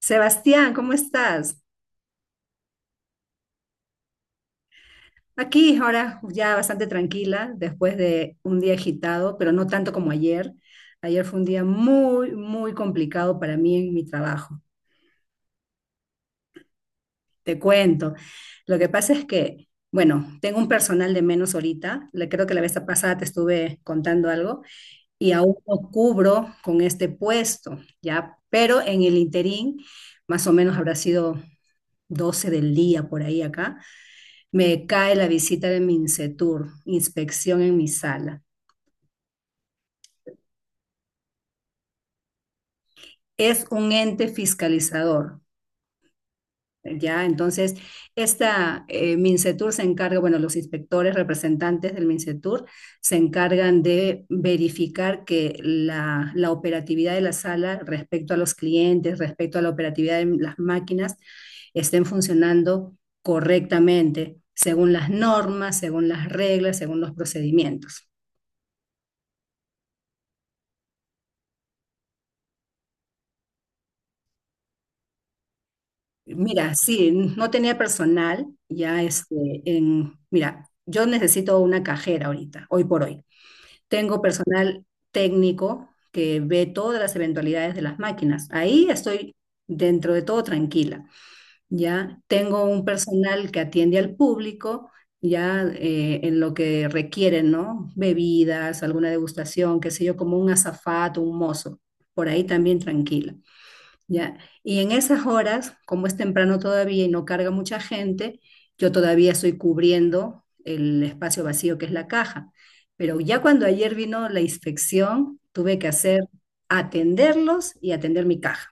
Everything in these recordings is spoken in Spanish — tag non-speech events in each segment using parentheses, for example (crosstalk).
Sebastián, ¿cómo estás? Aquí ahora ya bastante tranquila después de un día agitado, pero no tanto como ayer. Ayer fue un día muy, muy complicado para mí en mi trabajo. Te cuento. Lo que pasa es que, bueno, tengo un personal de menos ahorita. Le creo que la vez pasada te estuve contando algo y aún no cubro con este puesto, ¿ya? Pero en el interín, más o menos habrá sido 12 del día por ahí acá. Me cae la visita de MINCETUR, inspección en mi sala. Es un ente fiscalizador, ¿ya? Entonces, esta MINCETUR se encarga, bueno, los inspectores representantes del MINCETUR se encargan de verificar que la operatividad de la sala respecto a los clientes, respecto a la operatividad de las máquinas, estén funcionando correctamente, según las normas, según las reglas, según los procedimientos. Mira, sí, no tenía personal, ya este, en, mira, yo necesito una cajera ahorita, hoy por hoy. Tengo personal técnico que ve todas las eventualidades de las máquinas. Ahí estoy dentro de todo tranquila, ya. Tengo un personal que atiende al público, ya en lo que requieren, ¿no? Bebidas, alguna degustación, qué sé yo, como un azafato, un mozo. Por ahí también tranquila. Ya, y en esas horas, como es temprano todavía y no carga mucha gente, yo todavía estoy cubriendo el espacio vacío que es la caja. Pero ya cuando ayer vino la inspección, tuve que hacer atenderlos y atender mi caja.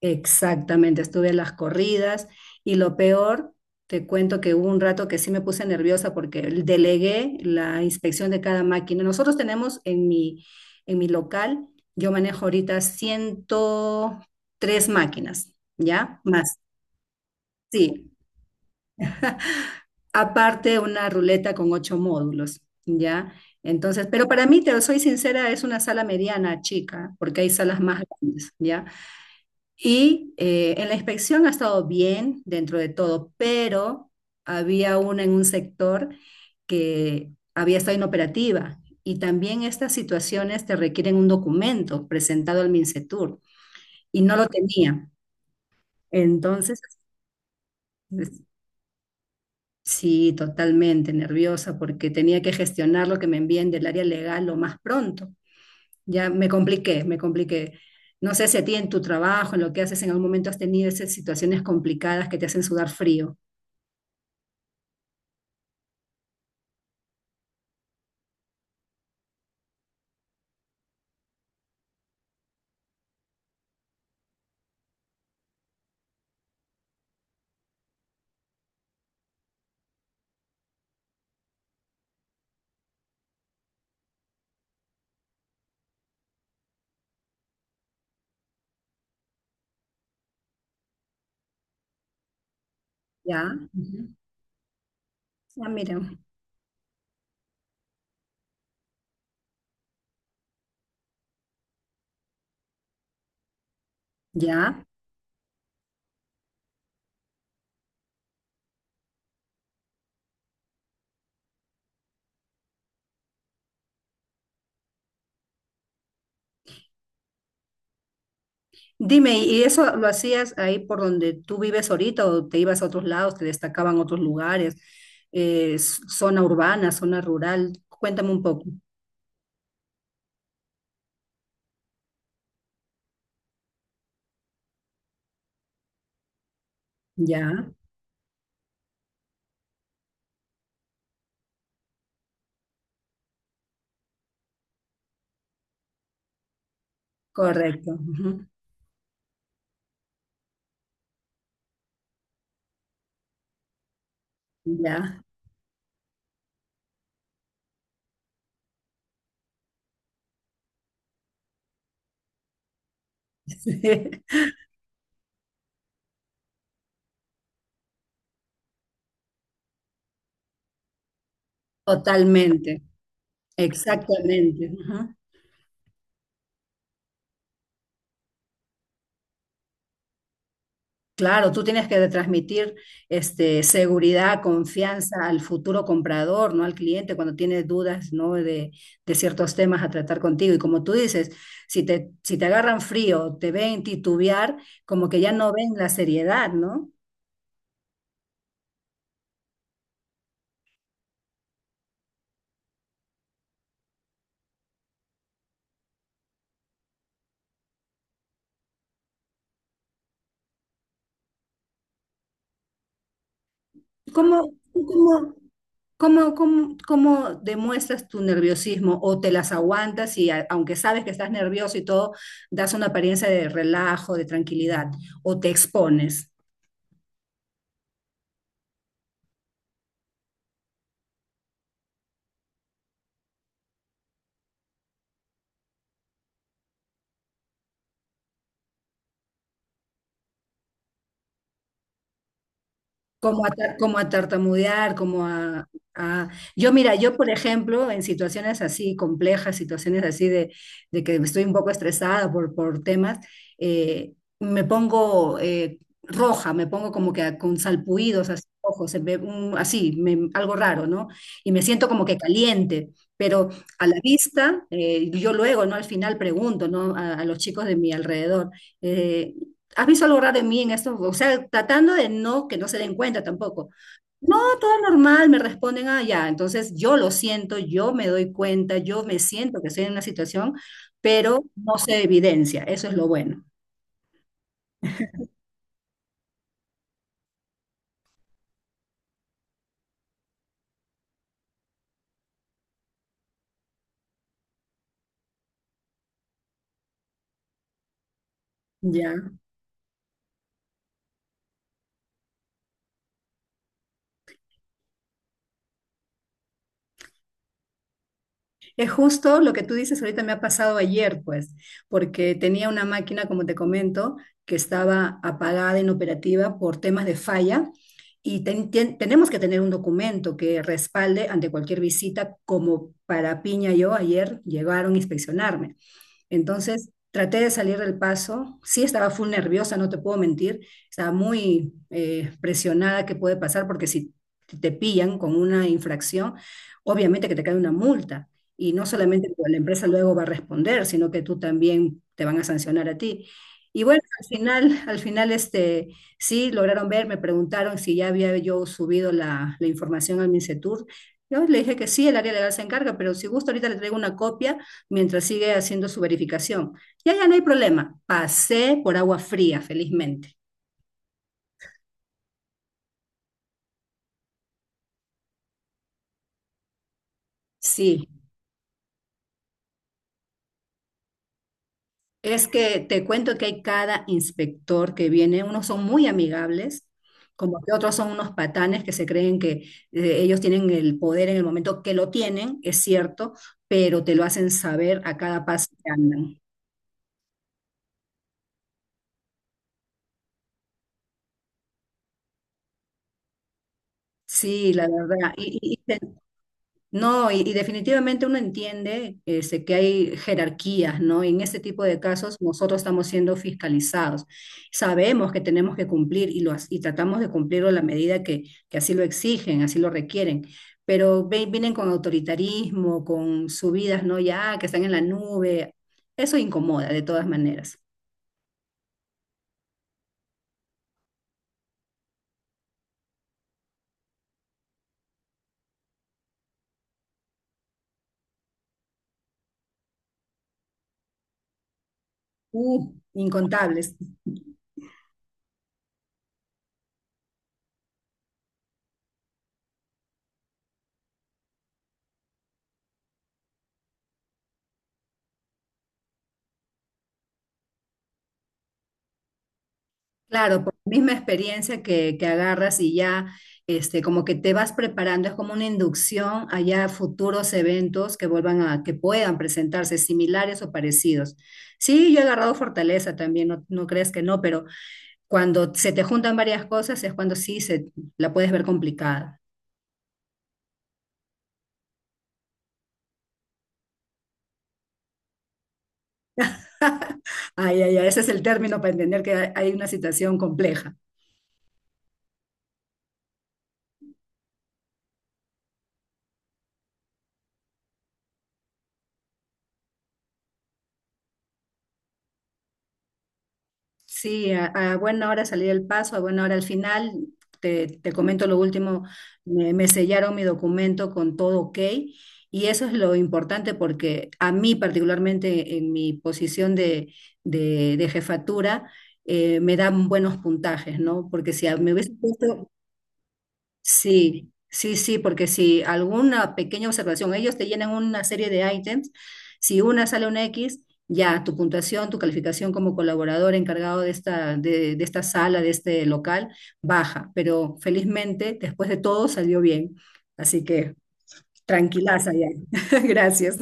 Exactamente, estuve en las corridas y lo peor, te cuento que hubo un rato que sí me puse nerviosa porque delegué la inspección de cada máquina. Nosotros tenemos en mi local, yo manejo ahorita 103 máquinas, ¿ya? Más, sí. (laughs) Aparte una ruleta con 8 módulos, ¿ya? Entonces, pero para mí, te soy sincera, es una sala mediana, chica, porque hay salas más grandes, ya. Y en la inspección ha estado bien dentro de todo, pero había una en un sector que había estado inoperativa. Y también estas situaciones te requieren un documento presentado al MINCETUR y no lo tenía. Entonces, es- sí, totalmente nerviosa porque tenía que gestionar lo que me envíen del área legal lo más pronto. Ya me compliqué, me compliqué. No sé si a ti en tu trabajo, en lo que haces, en algún momento has tenido esas situaciones complicadas que te hacen sudar frío. Ya, ujú. Ah, mira, ya. Dime, ¿y eso lo hacías ahí por donde tú vives ahorita o te ibas a otros lados, te destacaban otros lugares, zona urbana, zona rural? Cuéntame un poco. Ya, correcto. Ujú, ya, (laughs) totalmente, exactamente. Claro, tú tienes que transmitir este, seguridad, confianza al futuro comprador, ¿no? Al cliente cuando tiene dudas, ¿no? De ciertos temas a tratar contigo. Y como tú dices, si te, si te agarran frío, te ven titubear, como que ya no ven la seriedad, ¿no? ¿Cómo, cómo, cómo demuestras tu nerviosismo o te las aguantas y aunque sabes que estás nervioso y todo, das una apariencia de relajo, de tranquilidad o te expones? Como a, como a tartamudear, a- yo, mira, yo, por ejemplo, en situaciones así complejas, situaciones así de que estoy un poco estresada por temas, eh, me pongo roja, me pongo como que con salpuidos así, ojos, así, algo raro, ¿no? Y me siento como que caliente, pero a la vista, yo luego, ¿no? Al final pregunto, ¿no? A los chicos de mi alrededor eh, ¿has visto algo raro en mí en esto? O sea, tratando de no, que no se den cuenta tampoco. No, todo normal, me responden, ah, ya. Entonces yo lo siento, yo me doy cuenta, yo me siento que estoy en una situación, pero no se evidencia. Eso es lo bueno. Ya. Es justo lo que tú dices ahorita me ha pasado ayer, pues, porque tenía una máquina, como te comento, que estaba apagada, inoperativa por temas de falla y tenemos que tener un documento que respalde ante cualquier visita, como para Piña yo ayer llegaron a inspeccionarme. Entonces traté de salir del paso. Sí estaba full nerviosa, no te puedo mentir. Estaba muy presionada que puede pasar porque si te pillan con una infracción, obviamente que te cae una multa. Y no solamente pues, la empresa luego va a responder, sino que tú también te van a sancionar a ti. Y bueno, al final este, sí lograron ver, me preguntaron si ya había yo subido la información al MINCETUR. Yo le dije que sí, el área legal se encarga, pero si gusta ahorita le traigo una copia mientras sigue haciendo su verificación. Ya, ya no hay problema. Pasé por agua fría, felizmente. Sí, es que te cuento que hay cada inspector que viene, unos son muy amigables, como que otros son unos patanes que se creen que ellos tienen el poder en el momento que lo tienen, es cierto, pero te lo hacen saber a cada paso que andan. Sí, la verdad. No, y definitivamente uno entiende este, que hay jerarquías, ¿no? En este tipo de casos nosotros estamos siendo fiscalizados. Sabemos que tenemos que cumplir y y tratamos de cumplirlo a la medida que así lo exigen, así lo requieren, pero vienen con autoritarismo, con subidas, ¿no? Ya, que están en la nube. Eso incomoda de todas maneras. Incontables. Claro, por la misma experiencia que agarras y ya este, como que te vas preparando, es como una inducción allá a futuros eventos que vuelvan a, que puedan presentarse similares o parecidos. Sí, yo he agarrado fortaleza también, no, no crees que no, pero cuando se te juntan varias cosas es cuando sí se la puedes ver complicada. (laughs) Ay, ay, ay, ese es el término para entender que hay una situación compleja. Sí, a buena hora salí del paso, a buena hora al final. Te comento lo último, me sellaron mi documento con todo ok y eso es lo importante porque a mí particularmente en mi posición de, de jefatura me dan buenos puntajes, ¿no? Porque si me hubiese puesto, sí, sí, sí, porque si alguna pequeña observación, ellos te llenan una serie de ítems, si una sale un X, ya tu puntuación, tu calificación como colaborador encargado de esta sala, de este local, baja, pero felizmente después de todo salió bien, así que tranquilaza ya. (laughs) Gracias.